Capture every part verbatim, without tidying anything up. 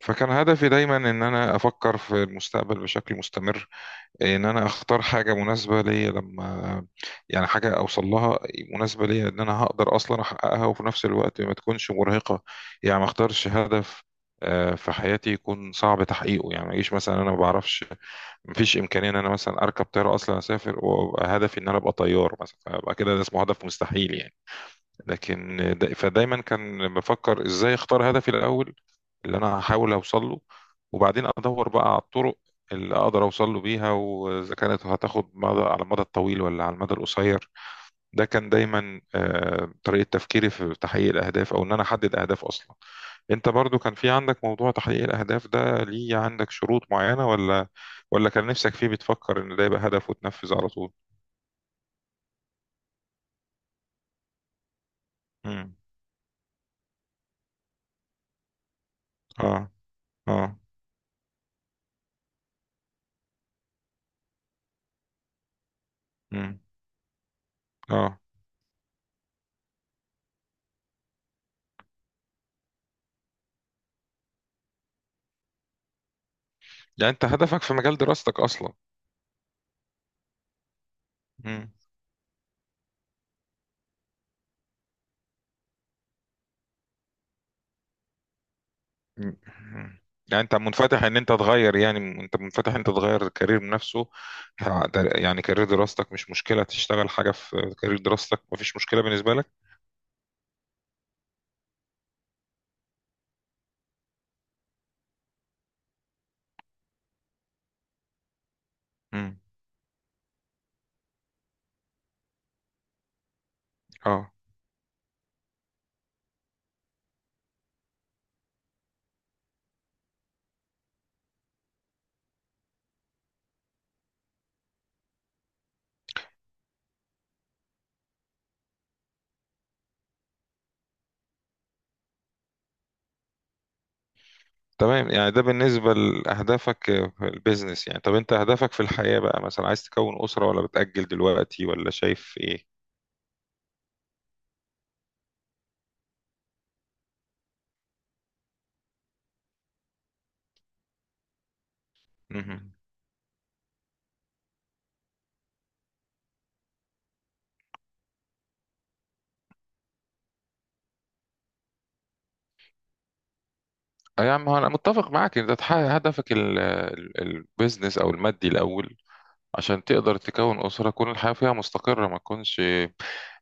فكان هدفي دايما ان انا افكر في المستقبل بشكل مستمر، ان انا اختار حاجه مناسبه ليا. لما يعني حاجه اوصل لها، مناسبه ليا، ان انا هقدر اصلا احققها وفي نفس الوقت ما تكونش مرهقه. يعني ما اختارش هدف آه، في حياتي يكون صعب تحقيقه. يعني ما يجيش مثلا، انا ما بعرفش، ما فيش امكانيه ان انا مثلا اركب طياره اصلا اسافر وابقى هدفي ان انا ابقى طيار مثلا، فابقى كده ده اسمه هدف مستحيل يعني. لكن دا- فدايما كان بفكر ازاي اختار هدفي الاول اللي انا هحاول اوصل له، وبعدين ادور بقى على الطرق اللي اقدر اوصل له بيها، واذا كانت هتاخد مدى على المدى الطويل ولا على المدى القصير. ده كان دايما آه، طريقة تفكيري في تحقيق الاهداف، او ان انا احدد اهداف اصلا. انت برضو كان في عندك موضوع تحقيق الاهداف ده ليه؟ عندك شروط معينة، ولا ولا كان نفسك فيه بتفكر ان ده يبقى هدف وتنفذ على طول؟ امم. اه. اه. امم. اه. يعني انت هدفك في مجال دراستك اصلا. م- يعني انت منفتح ان انت تغير، يعني انت منفتح ان انت تغير الكارير بنفسه. ه- در- يعني كارير دراستك مش مشكلة، تشتغل حاجة في كارير دراستك مفيش مشكلة بالنسبة لك. امم. اه. تمام، يعني ده بالنسبة لأهدافك في البيزنس. يعني طب انت أهدافك في الحياة بقى، مثلا عايز تكون أسرة، ولا بتأجل دلوقتي، ولا شايف ايه؟ امم. اه يا عم، انا متفق معاك ان ده تحقق هدفك ال- ال- البيزنس او المادي الاول عشان تقدر تكون أسرة، تكون الحياة فيها مستقرة، ما تكونش،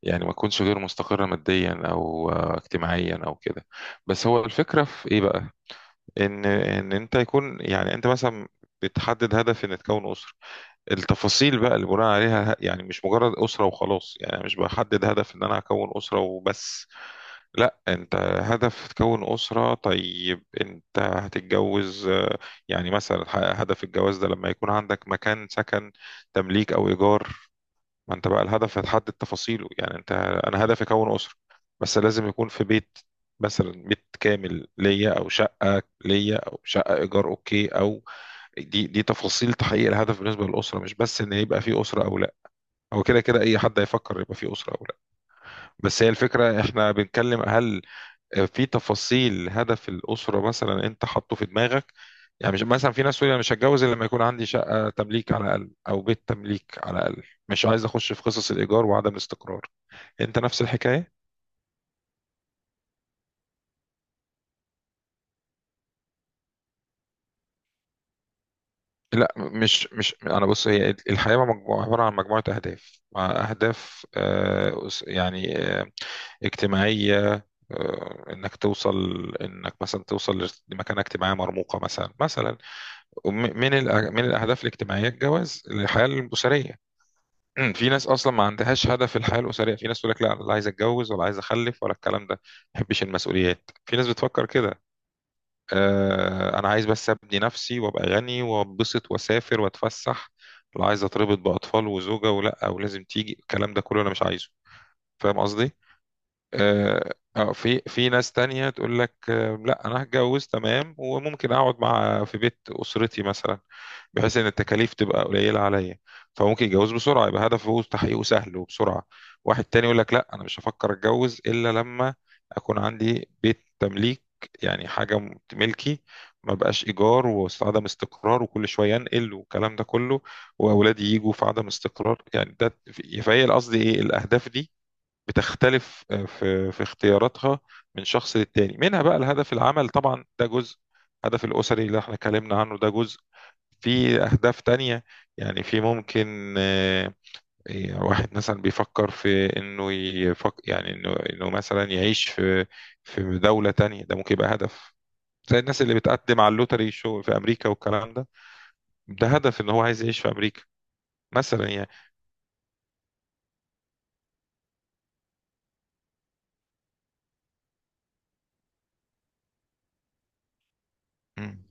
يعني ما تكونش غير مستقرة ماديا أو آه، اجتماعيا أو كده. بس هو الفكرة في إيه بقى؟ إن إن أنت يكون، يعني أنت مثلا بتحدد هدف إن تكون أسرة. التفاصيل بقى اللي بناء عليها، ه- يعني مش مجرد أسرة وخلاص، يعني أنا مش بحدد هدف إن أنا هكون أسرة وبس. لا انت، هدف تكون أسرة، طيب انت هتتجوز آه، يعني مثلا، ه- هدف الجواز ده لما يكون عندك مكان سكن، تمليك او ايجار. ما انت بقى الهدف هتحدد تفاصيله، يعني انت، انا هدفي اكون اسره بس لازم يكون في بيت، مثلا بيت كامل ليا او شقه ليا او شقه ايجار اوكي او، دي دي تفاصيل تحقيق الهدف بالنسبه للاسره، مش بس ان يبقى في اسره او لا. هو كده كده اي حد هيفكر يبقى في اسره او لا، بس هي الفكره احنا بنتكلم هل آه، في تفاصيل هدف الأسرة مثلا أنت حاطه في دماغك. يعني مش مثلا في ناس تقول أنا مش هتجوز إلا لما يكون عندي شقة تمليك على الأقل أو بيت تمليك على الأقل، مش عايز أخش في قصص الإيجار وعدم الاستقرار. أنت نفس الحكاية؟ لا، مش، مش أنا بص، هي الحياة مجموعة، عبارة عن مجموعة أهداف، مع أهداف آه، أس- يعني آه، اجتماعية. آه، انك توصل، انك مثلا توصل لمكانه اجتماعيه مرموقه مثلا مثلا. وم- من الأ- من الاهداف الاجتماعيه الجواز، الحياه الاسريه. امم، في ناس اصلا ما عندهاش هدف في الحياه الاسريه، في ناس تقول لك لا أنا لا عايز اتجوز ولا عايز اخلف ولا الكلام ده، ما بحبش المسؤوليات. في ناس بتفكر كده، آه انا عايز بس ابني نفسي وابقى غني وابسط واسافر واتفسح، لا عايز اتربط باطفال وزوجه ولا ولازم تيجي الكلام ده كله، انا مش عايزه. فاهم قصدي؟ آه آه، في في ناس تانية تقول لك آه لا انا هتجوز تمام وممكن اقعد مع، في بيت اسرتي مثلا، بحيث ان التكاليف تبقى قليله عليا. فممكن يتجوز بسرعه، يبقى هدفه تحقيقه سهل وبسرعه. واحد تاني يقول لك لا، انا مش هفكر اتجوز الا لما اكون عندي بيت تمليك، يعني حاجه م- ملكي، ما بقاش ايجار وعدم استقرار وكل شويه انقل والكلام ده كله، واولادي يجوا في عدم استقرار يعني ده. فهي قصدي ايه، الاهداف دي بتختلف آه، في في اختياراتها من شخص للتاني. منها بقى الهدف العمل، طبعا ده جزء، الهدف الاسري اللي احنا اتكلمنا عنه ده جزء، في أهداف تانية. يعني في ممكن آه، إيه، واحد مثلا بيفكر في إنه يفك، يعني إنه إنه مثلا يعيش في في دولة تانية، ده ممكن يبقى هدف. زي الناس اللي بتقدم على اللوتري شو في أمريكا والكلام ده، ده هدف إن هو عايز يعيش في أمريكا مثلا يعني. مم.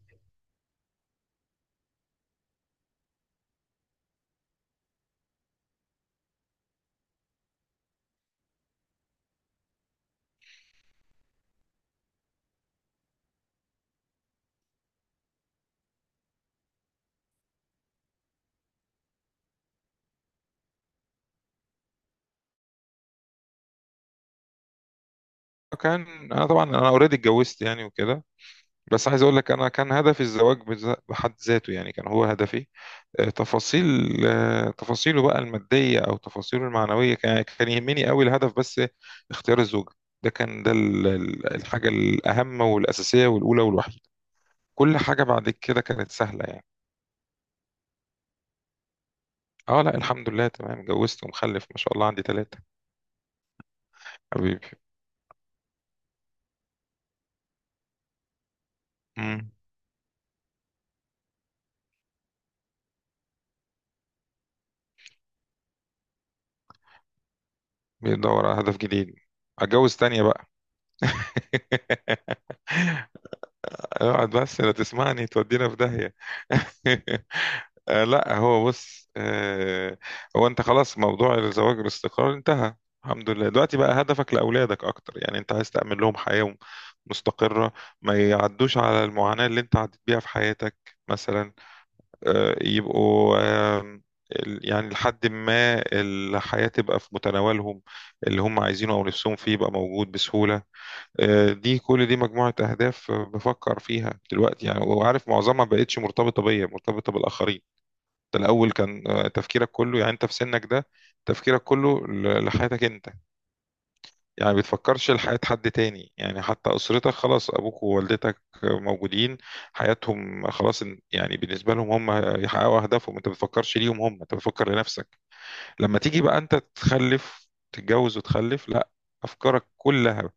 كان، أنا طبعا أنا أوريدي اتجوزت يعني وكده، بس عايز اقول لك انا كان هدفي الزواج بذ- بحد ذاته، يعني كان هو هدفي. آه، تفاصيل آه، تفاصيله بقى المادية او تفاصيله المعنوية، كان يعني كان يهمني قوي الهدف. بس اختيار الزوجة ده كان ده ال- ال- الحاجة الاهم والاساسية والاولى والوحيدة. كل حاجة بعد كده كانت سهلة يعني. اه لا الحمد لله تمام، اتجوزت، ومخلف ما شاء الله عندي ثلاثة حبيبي. امم، بيدور على هدف جديد، اتجوز تانية بقى. اقعد بس لا تسمعني تودينا في داهية. آه، لا هو بص، آه، هو انت خلاص موضوع الزواج باستقرار انتهى الحمد لله. دلوقتي بقى هدفك لأولادك أكتر، يعني أنت عايز تأمن لهم حياة مستقرة، ما يعدوش على المعاناة اللي أنت عديت بيها في حياتك مثلا، آه، يبقوا، آم، ال- يعني لحد ما الحياة تبقى في متناولهم، اللي هم عايزينه أو نفسهم فيه يبقى موجود بسهولة. آه، دي كل دي مجموعة أهداف آه، بفكر فيها دلوقتي يعني، وعارف معظمها ما بقتش مرتبطة بيا، مرتبطة بالآخرين. ده الأول كان آه، تفكيرك كله، يعني أنت في سنك ده تفكيرك كله ل- لحياتك أنت. يعني ما بتفكرش لحياة حد تاني، يعني حتى أسرتك خلاص أبوك ووالدتك آه، موجودين، حياتهم خلاص، إن- يعني بالنسبة لهم هم يحققوا أهدافهم، أنت ما بتفكرش ليهم هم، أنت بتفكر لنفسك. لما تيجي بقى أنت تخلف، تتجوز وتخلف، لا، أفكارك كلها،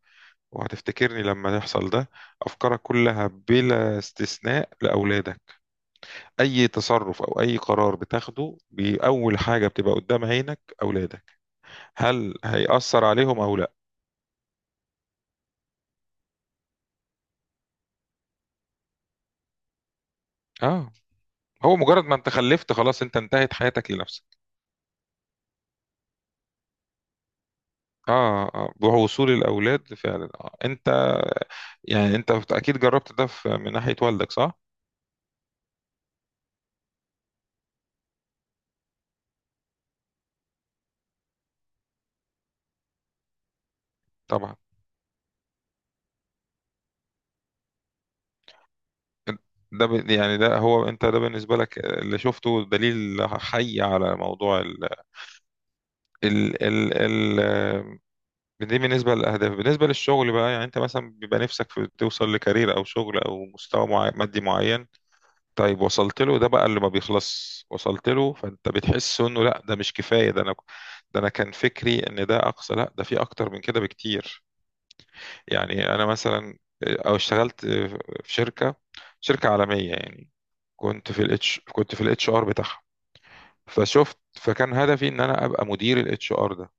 وهتفتكرني لما يحصل ده، أفكارك كلها بلا استثناء لأولادك. أي تصرف أو أي قرار بتاخده بأول حاجة بتبقى قدام عينك أولادك، هل هيأثر عليهم أو لا. آه، هو مجرد ما انت خلفت خلاص انت انتهت حياتك لنفسك. اه آه، بوصول الاولاد فعلا آه. انت يعني انت اكيد جربت ده في من ناحية والدك صح؟ طبعا. ده ب- يعني ده هو انت، ده بالنسبة لك اللي شفته دليل حي على موضوع. ال ال ال دي بالنسبة للأهداف. بالنسبة للشغل بقى يعني أنت مثلا بيبقى نفسك في توصل لكارير أو شغل أو مستوى معي مادي معين، طيب وصلت له. ده بقى اللي ما بيخلص، وصلت له فأنت بتحس إنه لا ده مش كفاية، ده أنا ده أنا كان فكري إن ده أقصى، لا ده في أكتر من كده بكتير. يعني أنا مثلا، أو اشتغلت في شركة شركة عالمية يعني، كنت في الاتش كنت في الاتش ار بتاعها. فشفت، فكان هدفي ان انا ابقى مدير الاتش ار ده.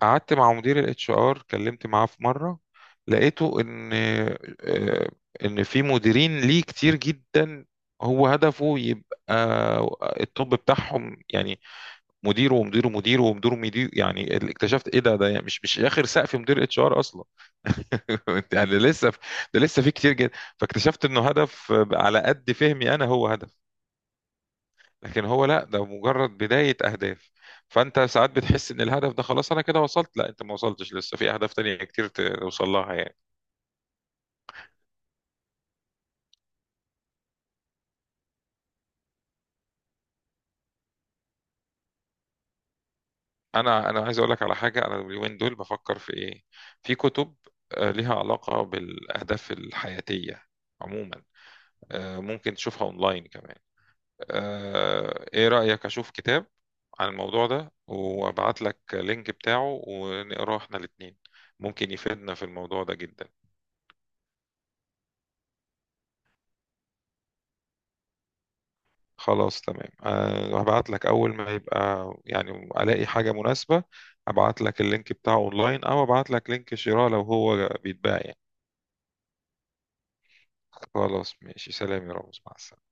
قعدت مع مدير الاتش ار، كلمت معاه في مره، لقيته ان آه، ان في مديرين ليه كتير جدا، هو هدفه يبقى التوب بتاعهم يعني، مديره ومديره ومديره ومديره ومديره. يعني اللي اكتشفت ايه، ده ده يعني مش مش اخر سقف مدير اتش ار اصلا. يعني لسه، ده لسه في كتير جدا. فاكتشفت انه هدف على قد فهمي انا هو هدف، لكن هو لا، ده مجرد بداية أهداف. فأنت ساعات بتحس إن الهدف ده خلاص أنا كده وصلت، لا أنت ما وصلتش، لسه في أهداف تانية كتير توصل لها يعني. أنا أنا عايز أقول لك على حاجة، أنا اليومين دول بفكر في إيه، في كتب آه، ليها علاقة بالأهداف الحياتية عموما، آه، ممكن تشوفها أونلاين كمان. آه، إيه رأيك أشوف كتاب عن الموضوع ده وأبعت لك لينك بتاعه ونقراه إحنا الاتنين؟ ممكن يفيدنا في الموضوع ده جدا. خلاص تمام، أه هبعت لك أول ما يبقى يعني ألاقي حاجة مناسبة. هبعت لك اللينك بتاعه أونلاين، أو هبعت لك لينك شراء لو هو بيتباع يعني. خلاص ماشي سلام يا رامز مع السلامة.